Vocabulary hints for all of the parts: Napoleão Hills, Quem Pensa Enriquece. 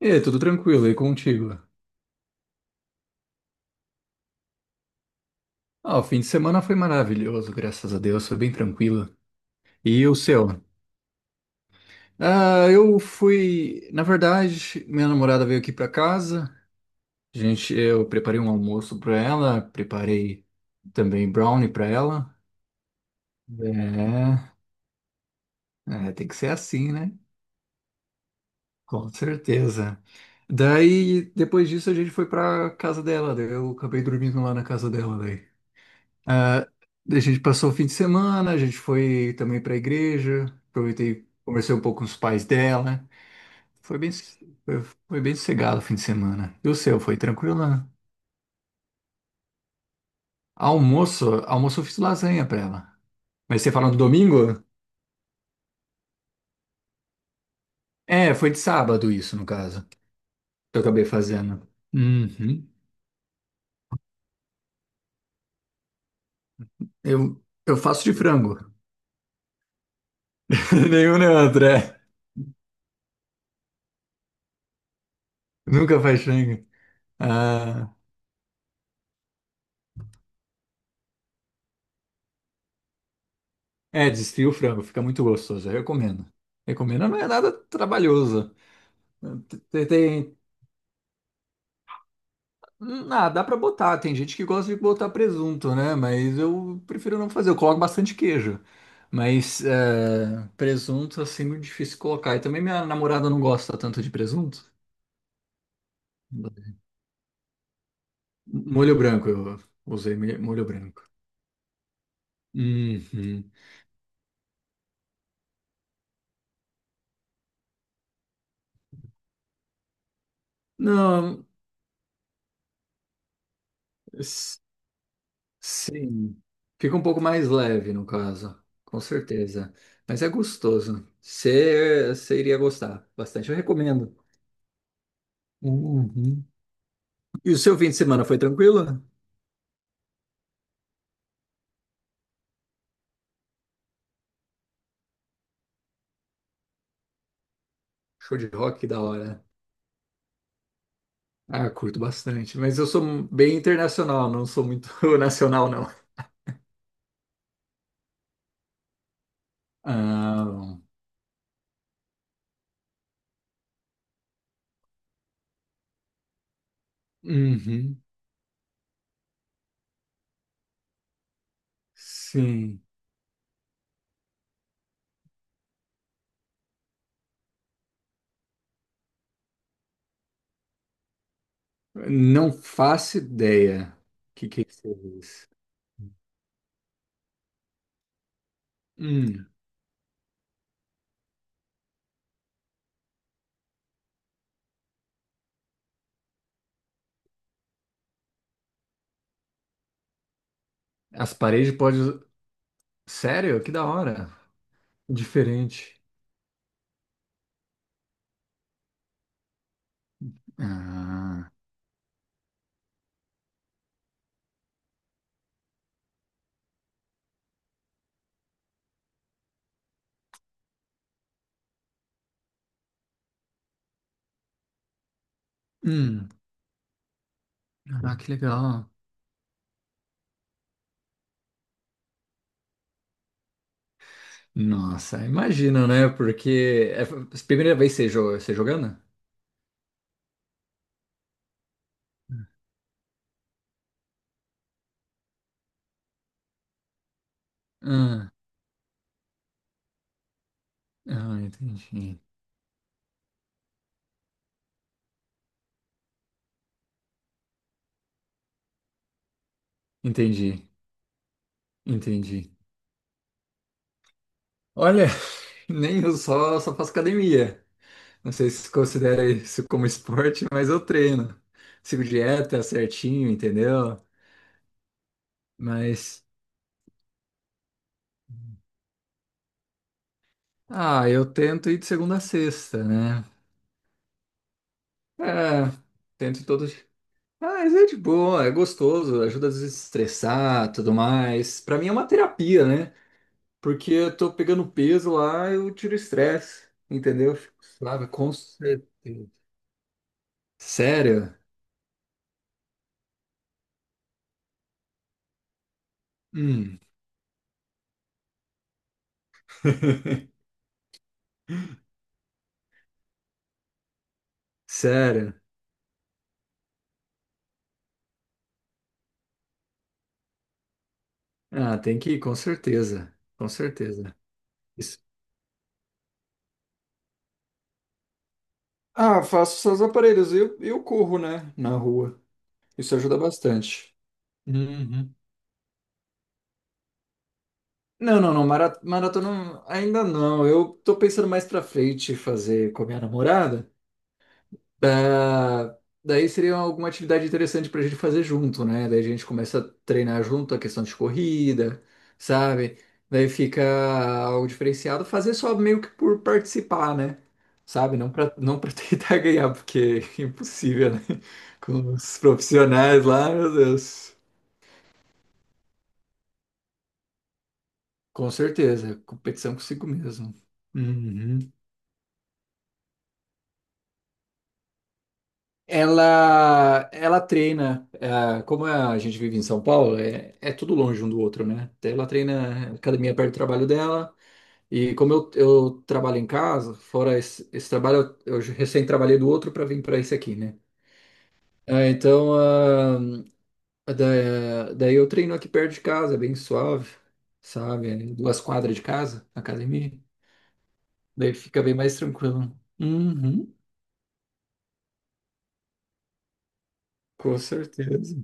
E aí, tudo tranquilo, e contigo? Ah, o fim de semana foi maravilhoso, graças a Deus, foi bem tranquilo. E o seu? Ah, eu fui. Na verdade, minha namorada veio aqui pra casa, gente, eu preparei um almoço pra ela, preparei também brownie pra ela. É, é, tem que ser assim, né? Com certeza. Daí, depois disso, a gente foi pra casa dela, daí eu acabei dormindo lá na casa dela, daí. Ah, a gente passou o fim de semana, a gente foi também para a igreja, aproveitei, conversei um pouco com os pais dela. Foi bem, foi, Foi bem sossegado o fim de semana. E o seu, foi tranquilo, né? Almoço, eu fiz lasanha para ela. Mas você falando do domingo? É, foi de sábado isso, no caso, que eu acabei fazendo. Uhum. Eu, eu faço de frango. Nenhum nem outro, é. Nunca faz frango. Ah, é, desfia o frango, fica muito gostoso, eu recomendo. Recomendo, não é nada trabalhoso. Tem, tem- Dá pra botar. Tem gente que gosta de botar presunto, né? Mas eu prefiro não fazer. Eu coloco bastante queijo. Mas é, presunto, assim, muito difícil colocar. E também minha namorada não gosta tanto de presunto. Molho branco, eu usei molho branco. Uhum. Não, s- sim. Fica um pouco mais leve, no caso. Com certeza. Mas é gostoso. Você iria gostar bastante. Eu recomendo. Uhum. E o seu fim de semana foi tranquilo? Show de rock, da hora. Ah, curto bastante, mas eu sou bem internacional, não sou muito nacional, não. Ah, uhum, sim. Não faço ideia. O que que você diz? Hum, As paredes podem. Sério? Que da hora. Diferente. Ah, hum, ah, que legal. Nossa, imagino, né? Porque é a primeira vez que você jogando? Ah, ah, entendi. Entendi. Entendi. Olha, nem eu só faço academia. Não sei se considera isso como esporte, mas eu treino. Sigo dieta certinho, entendeu? Mas, eu tento ir de segunda a sexta, né? É, tento todos. Ah, mas é de boa, é gostoso, ajuda a desestressar, tudo mais. Pra mim é uma terapia, né? Porque eu tô pegando peso lá, eu tiro o estresse, entendeu? Fico suave, com certeza. Sério? Hum. Sério? Ah, tem que ir, com certeza. Com certeza. Isso. Ah, faço seus aparelhos. Eu corro, né? Na rua. Isso ajuda bastante. Uhum. Não, não, não. Maratona ainda não. Eu tô pensando mais pra frente fazer com a minha namorada. Ah, daí seria alguma atividade interessante pra gente fazer junto, né? Daí a gente começa a treinar junto a questão de corrida, sabe? Daí fica algo diferenciado, fazer só meio que por participar, né? Sabe? Não pra tentar ganhar, porque é impossível, né? Com os profissionais lá, meu Deus. Com certeza, competição consigo mesmo. Uhum. Ela treina, como é, a gente vive em São Paulo, é tudo longe um do outro, né? Então, ela treina academia perto do trabalho dela, e como eu trabalho em casa, fora esse trabalho, eu recém trabalhei do outro para vir para esse aqui, né? Ah, então, daí eu treino aqui perto de casa, é bem suave, sabe? É duas quadras de casa, a academia, daí fica bem mais tranquilo. Uhum, com certeza.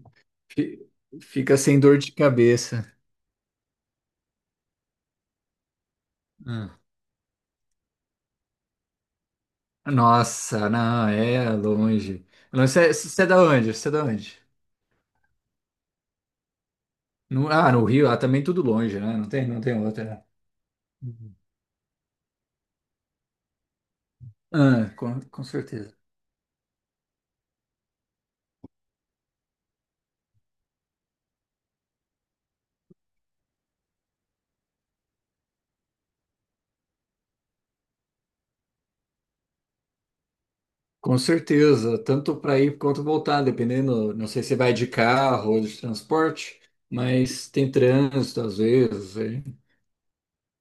Fi- Fica sem dor de cabeça. Ah. Nossa, não, é longe. Não, Você é da onde? Você é da onde? No Rio, também tudo longe, né? Não tem outra, né? Uhum. Ah, com certeza. Com certeza, tanto para ir quanto voltar, dependendo, não sei se vai de carro ou de transporte, mas tem trânsito às vezes, aí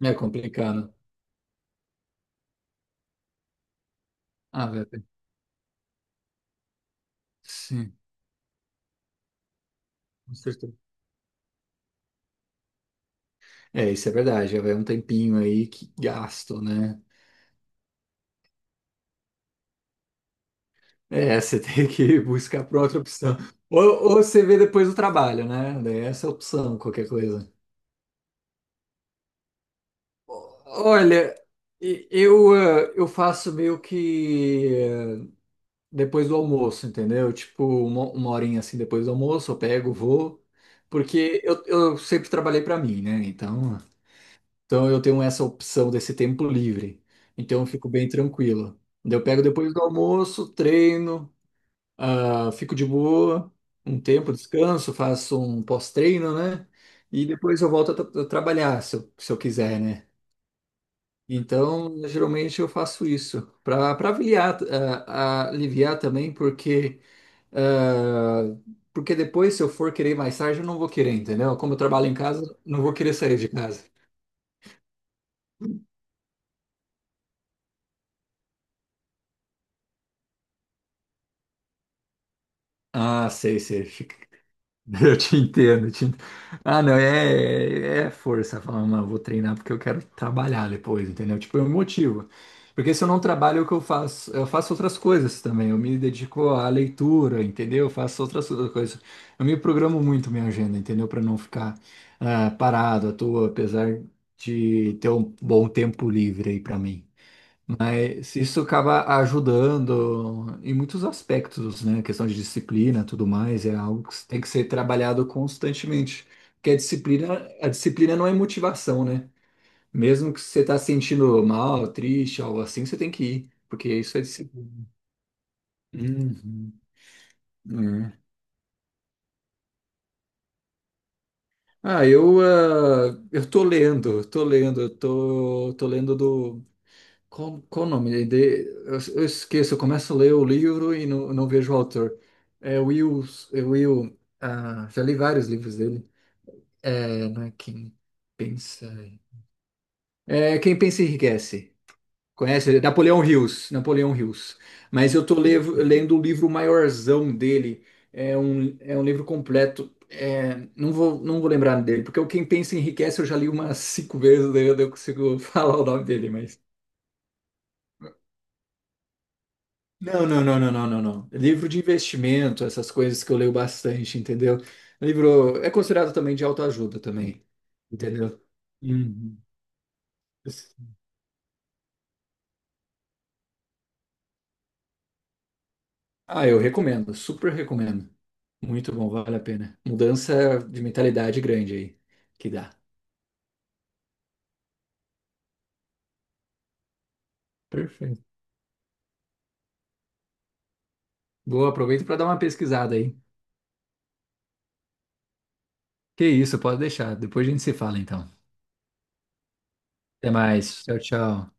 é complicado. Ah, velho, sim, com certeza. É, isso é verdade, já vai um tempinho aí que gasto, né? É, você tem que buscar por outra opção. Ou, ou você vê depois do trabalho, né? Daí essa é a opção, qualquer coisa. Olha, eu faço meio que depois do almoço, entendeu? Tipo, uma horinha assim depois do almoço, eu pego, vou. Porque eu sempre trabalhei para mim, né? Então, eu tenho essa opção desse tempo livre. Então eu fico bem tranquilo. Daí eu pego depois do almoço, treino. Ah, fico de boa, um tempo, descanso, faço um pós-treino, né? E depois eu volto a trabalhar, se eu quiser, né? Então, geralmente eu faço isso para aliviar, aliviar também, porque ah, porque depois, se eu for querer mais tarde, eu não vou querer, entendeu? Como eu trabalho em casa, não vou querer sair de casa. Ah, sei, sei. Eu te entendo. Ah, não, é, é força falar, mano, vou treinar porque eu quero trabalhar depois, entendeu? Tipo, é um motivo. Porque se eu não trabalho, o que eu faço? Eu faço outras coisas também. Eu me dedico à leitura, entendeu? Eu faço outras coisas. Eu me programo muito minha agenda, entendeu? Para não ficar parado à toa, apesar de ter um bom tempo livre aí para mim. Isso acaba ajudando em muitos aspectos, né? A questão de disciplina, tudo mais, é algo que tem que ser trabalhado constantemente. Porque a disciplina não é motivação, né? Mesmo que você tá sentindo mal, triste, algo assim, você tem que ir, porque isso é disciplina. Uhum, é. Ah, eu tô lendo, eu tô, tô lendo do Qual o nome? Eu esqueço, eu começo a ler o livro e não vejo o autor. É Will, é Will. Já li vários livros dele. É, não é Quem Pensa. É Quem Pensa Enriquece. Conhece? É Napoleão Hills. Napoleão Hills. Mas eu tô lendo o livro maiorzão dele. É um livro completo. É, não vou lembrar dele, porque o Quem Pensa Enriquece eu já li umas cinco vezes, daí eu não consigo falar o nome dele, mas não, não, não, não, não, não, não. Livro de investimento, essas coisas que eu leio bastante, entendeu? Livro é considerado também de autoajuda também, entendeu? Uhum. Ah, eu recomendo, super recomendo. Muito bom, vale a pena. Mudança de mentalidade grande aí que dá. Perfeito. Boa, aproveita para dar uma pesquisada aí. Que isso, pode deixar. Depois a gente se fala então. Até mais. Tchau, tchau.